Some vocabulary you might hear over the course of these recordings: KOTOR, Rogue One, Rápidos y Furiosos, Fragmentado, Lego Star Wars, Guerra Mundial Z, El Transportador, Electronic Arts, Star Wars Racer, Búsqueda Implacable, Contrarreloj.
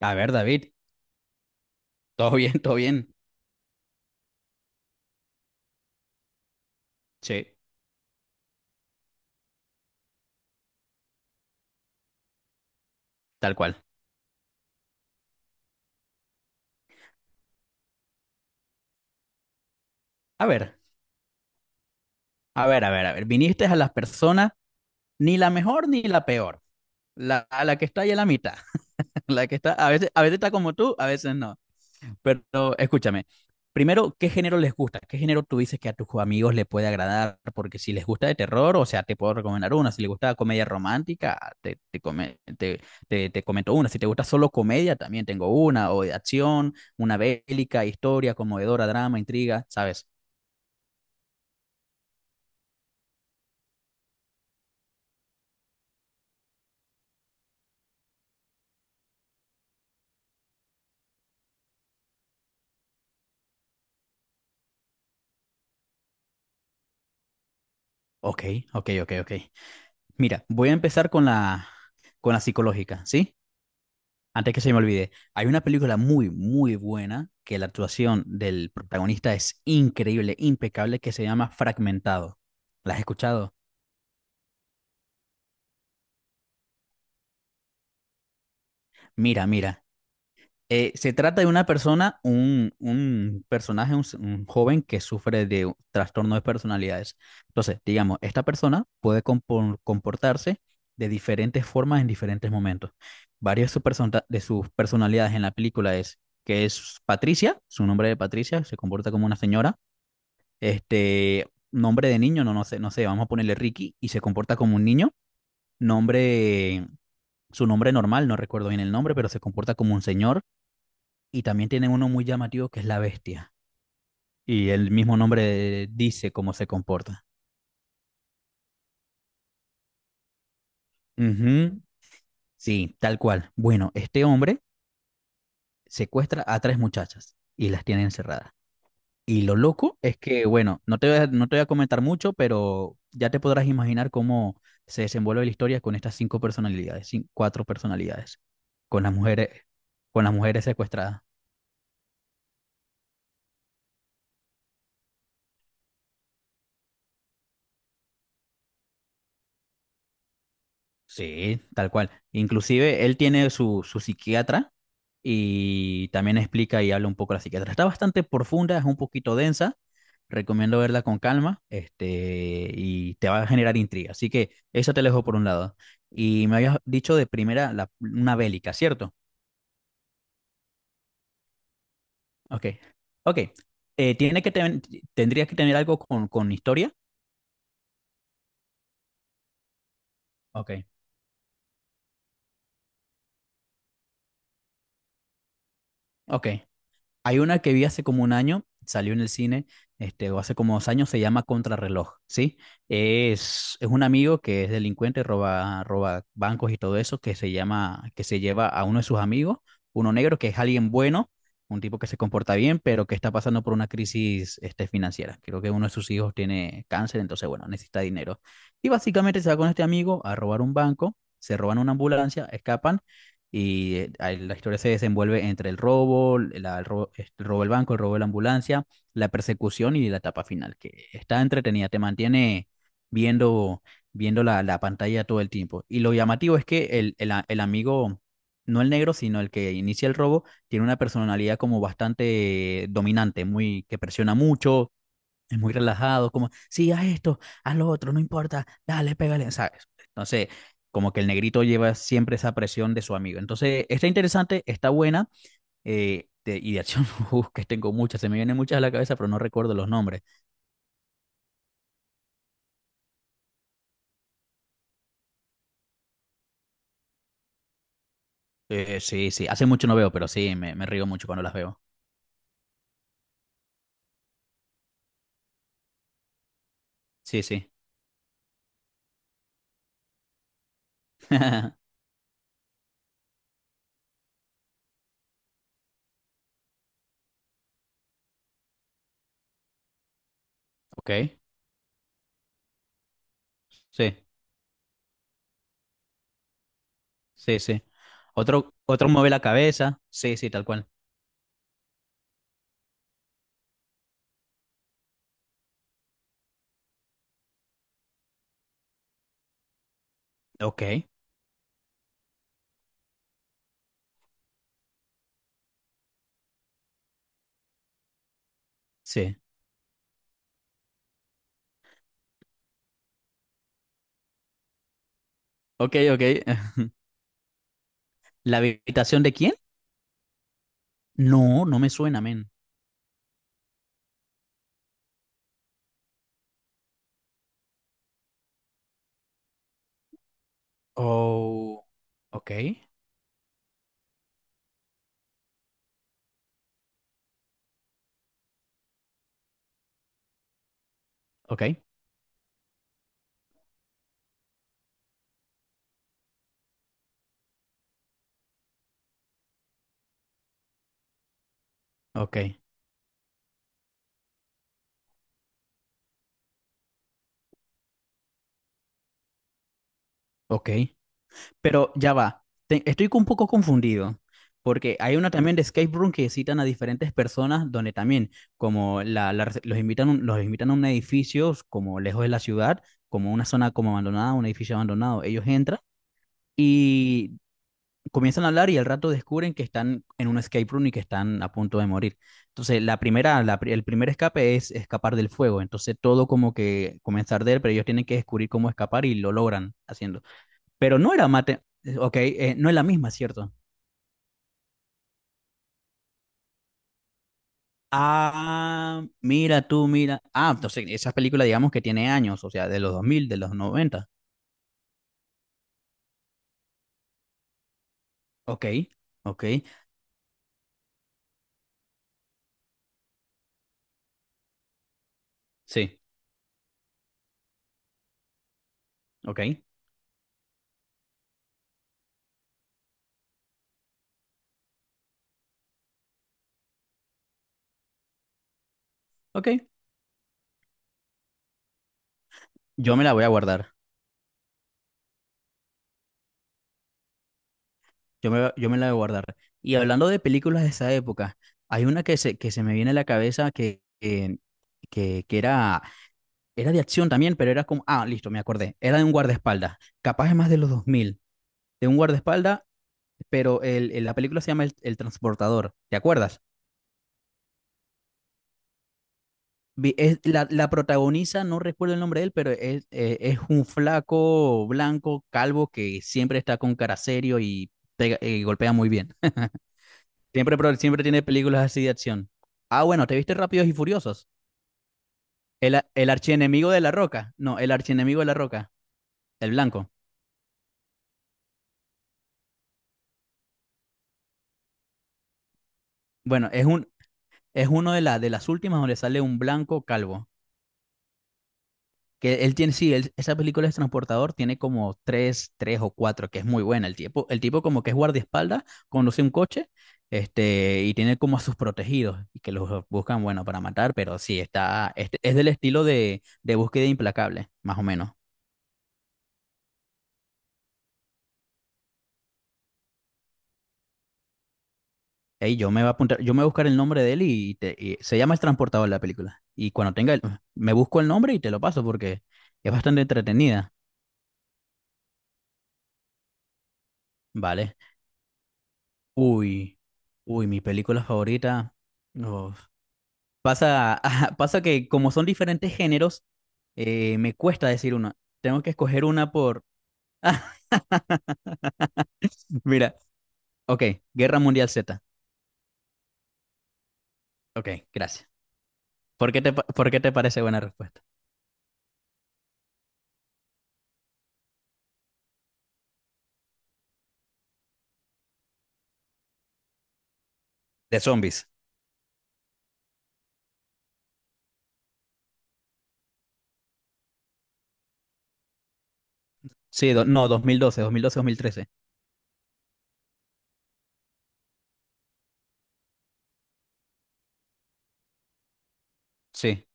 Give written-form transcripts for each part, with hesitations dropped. A ver, David, todo bien, todo bien. Sí, tal cual. A ver, a ver, a ver, a ver. Viniste a las personas, ni la mejor ni la peor. A la que está ahí en la mitad. La que está, a veces está como tú, a veces no. Pero escúchame, primero, ¿qué género les gusta? ¿Qué género tú dices que a tus amigos le puede agradar? Porque si les gusta de terror, o sea, te puedo recomendar una. Si les gusta comedia romántica, te comento una. Si te gusta solo comedia, también tengo una. O de acción, una bélica, historia, conmovedora, drama, intriga, ¿sabes? Ok, ok, ok, ok. Mira, voy a empezar con la psicológica, ¿sí? Antes que se me olvide, hay una película muy, muy buena que la actuación del protagonista es increíble, impecable, que se llama Fragmentado. ¿La has escuchado? Mira, mira. Se trata de una persona, un personaje, un joven que sufre de un trastorno de personalidades. Entonces, digamos, esta persona puede comportarse de diferentes formas en diferentes momentos. Varias de sus personalidades en la película es que es Patricia, su nombre de Patricia, se comporta como una señora. Este, Nombre de niño, no, no sé, vamos a ponerle Ricky y se comporta como un niño. Nombre, su nombre normal, no recuerdo bien el nombre, pero se comporta como un señor. Y también tienen uno muy llamativo que es la bestia. Y el mismo nombre dice cómo se comporta. Ujú. Sí, tal cual. Bueno, este hombre secuestra a tres muchachas y las tiene encerradas. Y lo loco es que, bueno, no te voy a comentar mucho, pero ya te podrás imaginar cómo se desenvuelve la historia con estas cinco personalidades, cuatro personalidades, con las mujeres, con las mujeres secuestradas. Sí, tal cual. Inclusive él tiene su psiquiatra y también explica y habla un poco de la psiquiatra. Está bastante profunda, es un poquito densa. Recomiendo verla con calma, y te va a generar intriga. Así que eso te lo dejo por un lado. Y me habías dicho de primera una bélica, ¿cierto? Ok. Ok. Eh, ¿tiene que ten- tendría que tener algo con historia? Ok. Ok. Hay una que vi hace como un año, salió en el cine, o hace como 2 años, se llama Contrarreloj, ¿sí? Es un amigo que es delincuente, roba bancos y todo eso, que se lleva a uno de sus amigos, uno negro, que es alguien bueno, un tipo que se comporta bien, pero que está pasando por una crisis, financiera. Creo que uno de sus hijos tiene cáncer, entonces, bueno, necesita dinero. Y básicamente se va con este amigo a robar un banco, se roban una ambulancia, escapan y ahí la historia se desenvuelve entre el robo del banco, el robo de la ambulancia, la persecución y la etapa final, que está entretenida, te mantiene viendo, viendo la pantalla todo el tiempo. Y lo llamativo es que el amigo, no el negro, sino el que inicia el robo, tiene una personalidad como bastante dominante, muy, que presiona mucho. Es muy relajado, como, sí, haz esto, haz lo otro, no importa, dale, pégale, ¿sabes? Entonces, como que el negrito lleva siempre esa presión de su amigo. Entonces, está interesante, está buena, y de acción, uf, que tengo muchas, se me vienen muchas a la cabeza, pero no recuerdo los nombres. Sí, sí, hace mucho no veo, pero sí, me río mucho cuando las veo. Sí, sí. Ok, sí, sí, sí. Otro mueve la cabeza, sí, sí, tal cual. Ok, sí. Ok, ok. ¿La habitación de quién? No, no me suena, men. Oh, ok, ok, ok, ok. Pero ya va, estoy un poco confundido, porque hay una también de escape room que citan a diferentes personas, donde también, como los invitan, a los invitan a un edificio, como lejos de la ciudad, como una zona como abandonada, un edificio abandonado, ellos entran. Y comienzan a hablar y al rato descubren que están en un escape room y que están a punto de morir. Entonces, la primera, la pri- el primer escape es escapar del fuego. Entonces, todo como que comienza a arder, pero ellos tienen que descubrir cómo escapar y lo logran haciendo. Pero no era mate, ok, no es la misma, ¿cierto? Ah, mira tú, mira. Ah, entonces, esa película, digamos que tiene años, o sea, de los 2000 de los noventa. Ok, ok, sí, ok, ok. Yo me la voy a guardar. Yo me la voy a guardar. Y hablando de películas de esa época, hay una que se me viene a la cabeza que era de acción también, pero era como, ah, listo, me acordé, era de un guardaespaldas, capaz es más de los dos mil de un guardaespaldas, pero la película se llama El Transportador, ¿te acuerdas? La protagoniza, no recuerdo el nombre de él, pero es un flaco blanco, calvo, que siempre está con cara serio y golpea muy bien. Siempre tiene películas así de acción. Ah, bueno, ¿te viste Rápidos y Furiosos? El archienemigo de La Roca. No, el archienemigo de La Roca. El blanco. Bueno, es uno de las últimas donde sale un blanco calvo. Que él tiene, sí, esa película es Transportador, tiene como tres, tres o cuatro, que es muy buena. El tipo como que es guardaespaldas, conduce un coche, y tiene como a sus protegidos, y que los buscan, bueno, para matar, pero sí, está, es del estilo de, Búsqueda Implacable, más o menos. Ey, yo me voy a apuntar, yo me voy a buscar el nombre de él y se llama El Transportador la película. Y cuando tenga el, me busco el nombre y te lo paso porque es bastante entretenida. Vale. Uy, uy, mi película favorita. Uf. Pasa, pasa que como son diferentes géneros, me cuesta decir una. Tengo que escoger una por. Ah, mira. Ok, Guerra Mundial Z. Ok, gracias. ¿Por qué te parece buena respuesta? De zombies. Sí, no, 2012, 2012, 2013. Sí.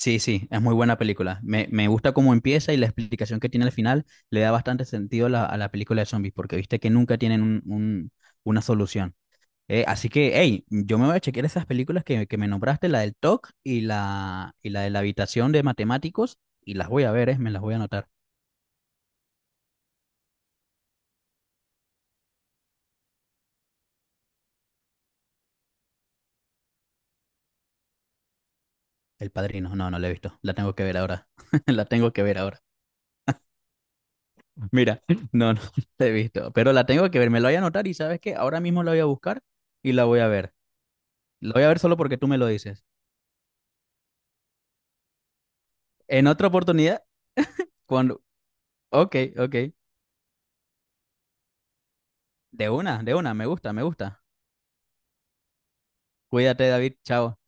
Sí, sí, es muy buena película. Me gusta cómo empieza y la explicación que tiene al final le da bastante sentido a la película de zombies, porque viste que nunca tienen una solución. Así que, hey, yo me voy a chequear esas películas que me nombraste, la del TOC y y la de la habitación de matemáticos, y las voy a ver, me las voy a anotar. El Padrino, no, no la he visto, la tengo que ver ahora, la tengo que ver ahora. Mira, no, no la he visto, pero la tengo que ver, me la voy a anotar y sabes que ahora mismo la voy a buscar y la voy a ver. La voy a ver solo porque tú me lo dices. En otra oportunidad, cuando... Ok, ok. De una, me gusta, me gusta. Cuídate, David, chao.